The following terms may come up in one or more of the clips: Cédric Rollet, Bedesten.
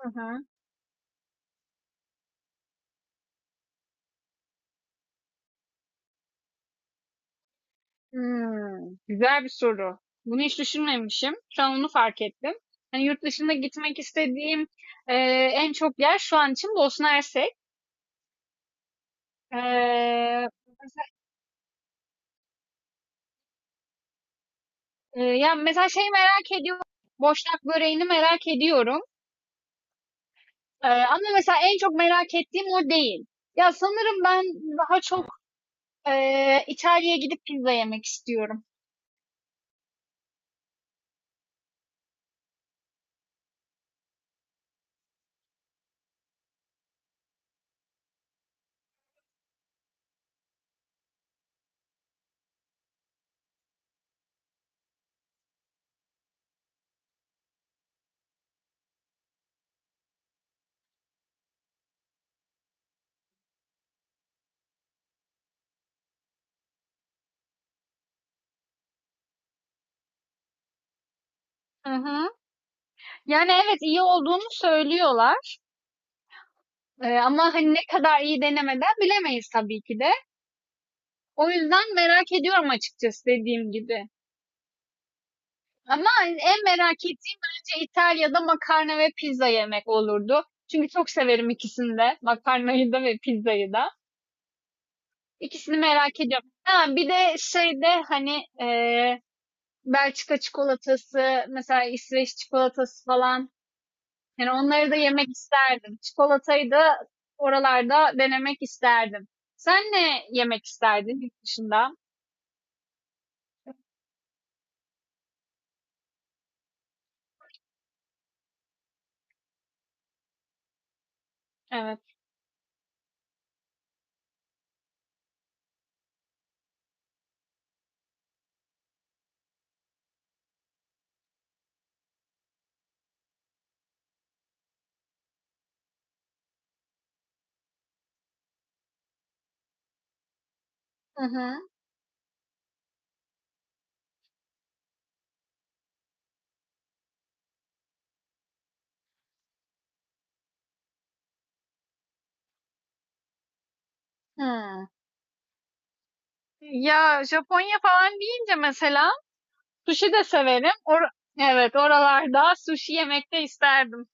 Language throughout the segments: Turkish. Hı hı. Hımm. Güzel bir soru. Bunu hiç düşünmemişim. Şu an onu fark ettim. Hani, yurt dışında gitmek istediğim, en çok yer şu an için Bosna Hersek. Eee, ya, mesela şey merak ediyorum, boşnak böreğini merak ediyorum, ama mesela en çok merak ettiğim o değil. Ya, sanırım ben daha çok, İtalya'ya gidip pizza yemek istiyorum. Hı hı. Yani, evet, iyi olduğunu söylüyorlar, ama, hani, ne kadar iyi denemeden bilemeyiz tabii ki de. O yüzden merak ediyorum açıkçası dediğim gibi. Ama en merak ettiğim bence İtalya'da makarna ve pizza yemek olurdu. Çünkü çok severim ikisini de. Makarnayı da ve pizzayı da. İkisini merak ediyorum. Ha, bir de şeyde hani Belçika çikolatası, mesela İsveç çikolatası falan. Yani onları da yemek isterdim. Çikolatayı da oralarda denemek isterdim. Sen ne yemek isterdin yurt dışında? Evet. Hı hı. Hı. Ya Japonya falan deyince mesela sushi de severim. Evet oralarda sushi yemek de isterdim.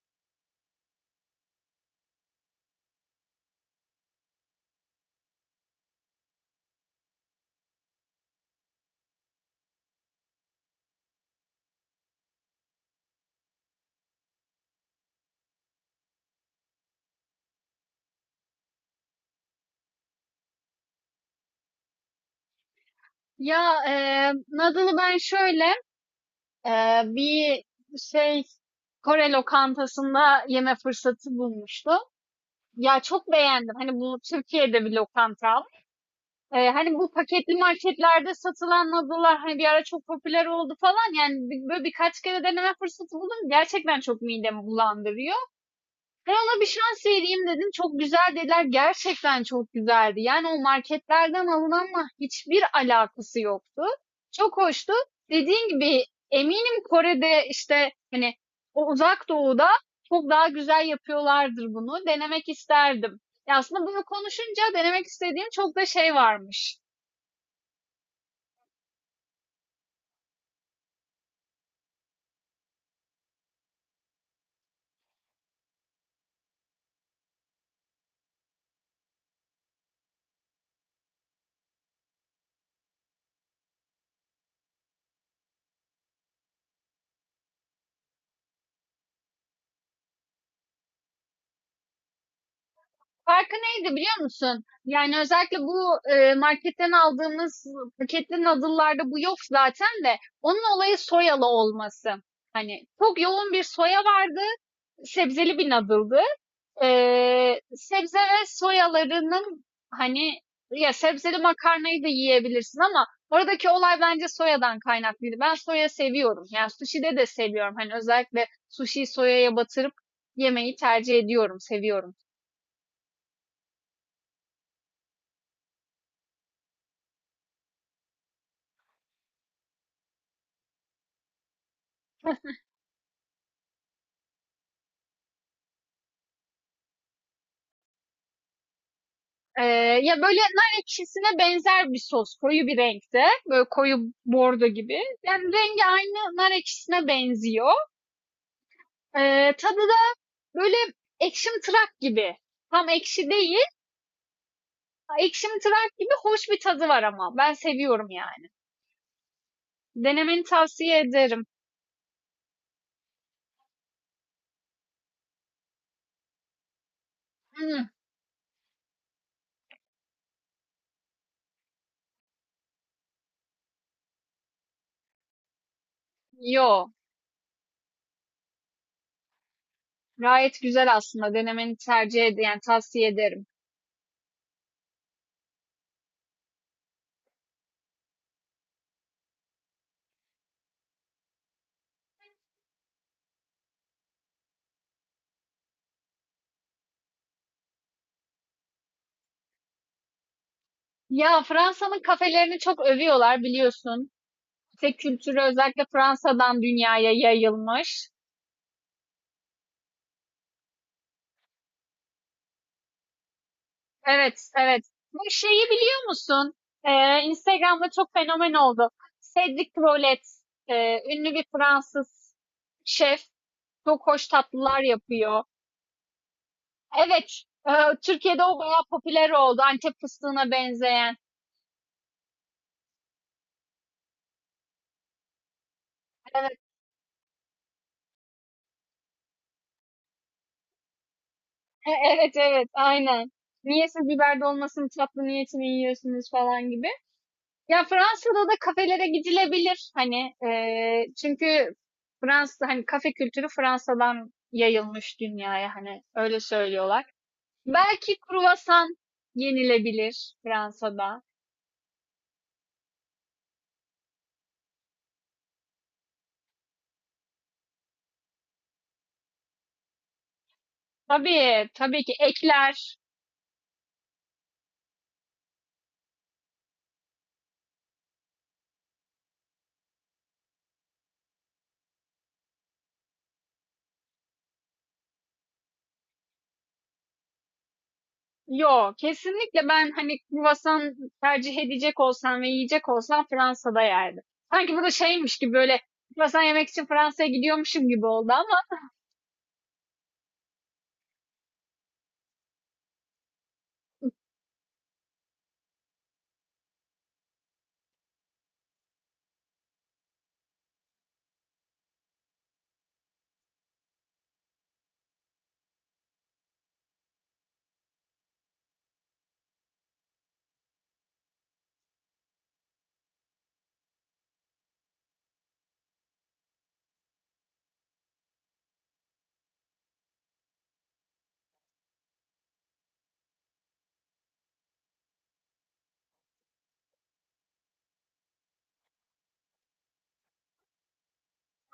Ya noodle'ı ben şöyle e, bir şey Kore lokantasında yeme fırsatı bulmuştum. Ya çok beğendim. Hani bu Türkiye'de bir lokanta. E, hani bu paketli marketlerde satılan noodle'lar hani bir ara çok popüler oldu falan. Yani böyle birkaç kere deneme fırsatı buldum. Gerçekten çok midemi bulandırıyor. Ben ona bir şans vereyim dedim. Çok güzel dediler. Gerçekten çok güzeldi. Yani o marketlerden alınanla hiçbir alakası yoktu. Çok hoştu. Dediğin gibi eminim Kore'de işte hani o uzak doğuda çok daha güzel yapıyorlardır bunu. Denemek isterdim. Ya aslında bunu konuşunca denemek istediğim çok da şey varmış. Farkı neydi biliyor musun? Yani özellikle bu marketten aldığımız paketli noodle'larda bu yok zaten de onun olayı soyalı olması. Hani çok yoğun bir soya vardı, sebzeli bir noodle'dı. Sebze ve soyalarının hani ya sebzeli makarnayı da yiyebilirsin ama oradaki olay bence soyadan kaynaklıydı. Ben soya seviyorum. Yani sushi'de de seviyorum. Hani özellikle sushi'yi soyaya batırıp yemeyi tercih ediyorum, seviyorum. Ya böyle nar ekşisine benzer bir sos. Koyu bir renkte. Böyle koyu bordo gibi. Yani rengi aynı nar ekşisine benziyor. Tadı da böyle ekşimtırak gibi. Tam ekşi değil. Ekşimtırak gibi hoş bir tadı var ama. Ben seviyorum yani. Denemeni tavsiye ederim. Hmm, yo. Gayet güzel aslında. Denemeni tercih ederim. Yani tavsiye ederim. Ya Fransa'nın kafelerini çok övüyorlar biliyorsun. Tek kültürü özellikle Fransa'dan dünyaya yayılmış. Evet, evet. Bu şeyi biliyor musun? Instagram'da çok fenomen oldu. Cédric Rollet, e, ünlü bir Fransız şef, çok hoş tatlılar yapıyor. Evet, e, Türkiye'de o bayağı popüler oldu. Antep fıstığına benzeyen. Evet, evet, evet, aynen. Niye siz biber dolmasının tatlı niyetini yiyorsunuz falan gibi. Ya Fransa'da da kafelere gidilebilir hani çünkü Fransa hani kafe kültürü Fransa'dan yayılmış dünyaya hani öyle söylüyorlar. Belki kruvasan yenilebilir Fransa'da. Tabii tabii ki ekler. Yo kesinlikle ben hani kruvasan tercih edecek olsam ve yiyecek olsam Fransa'da yerdim. Sanki bu da şeymiş gibi böyle kruvasan yemek için Fransa'ya gidiyormuşum gibi oldu ama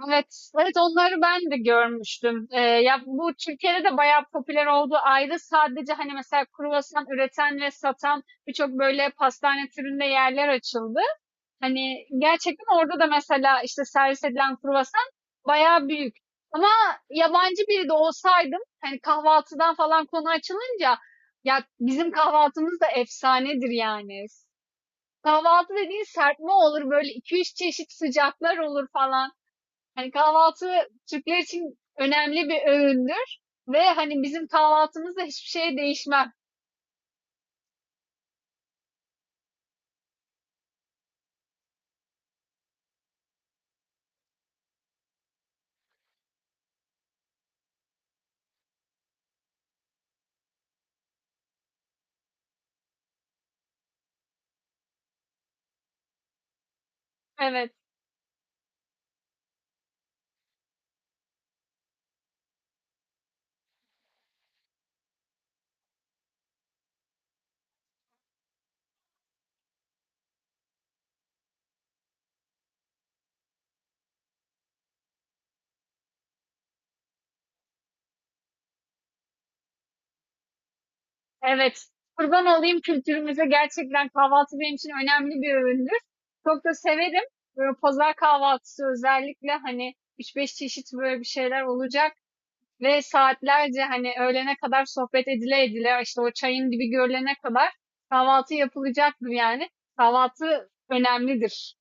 evet, evet onları ben de görmüştüm. Ya bu Türkiye'de de bayağı popüler oldu. Ayrı sadece hani mesela kruvasan üreten ve satan birçok böyle pastane türünde yerler açıldı. Hani gerçekten orada da mesela işte servis edilen kruvasan bayağı büyük. Ama yabancı biri de olsaydım hani kahvaltıdan falan konu açılınca ya bizim kahvaltımız da efsanedir yani. Kahvaltı dediğin serpme olur böyle iki üç çeşit sıcaklar olur falan. Hani kahvaltı Türkler için önemli bir öğündür ve hani bizim kahvaltımızda hiçbir şey değişmem. Evet, evet. Kurban olayım kültürümüze gerçekten kahvaltı benim için önemli bir öğündür. Çok da severim. Böyle pazar kahvaltısı özellikle hani üç beş çeşit böyle bir şeyler olacak ve saatlerce hani öğlene kadar sohbet edile edile işte o çayın dibi görülene kadar kahvaltı yapılacaktır yani. Kahvaltı önemlidir.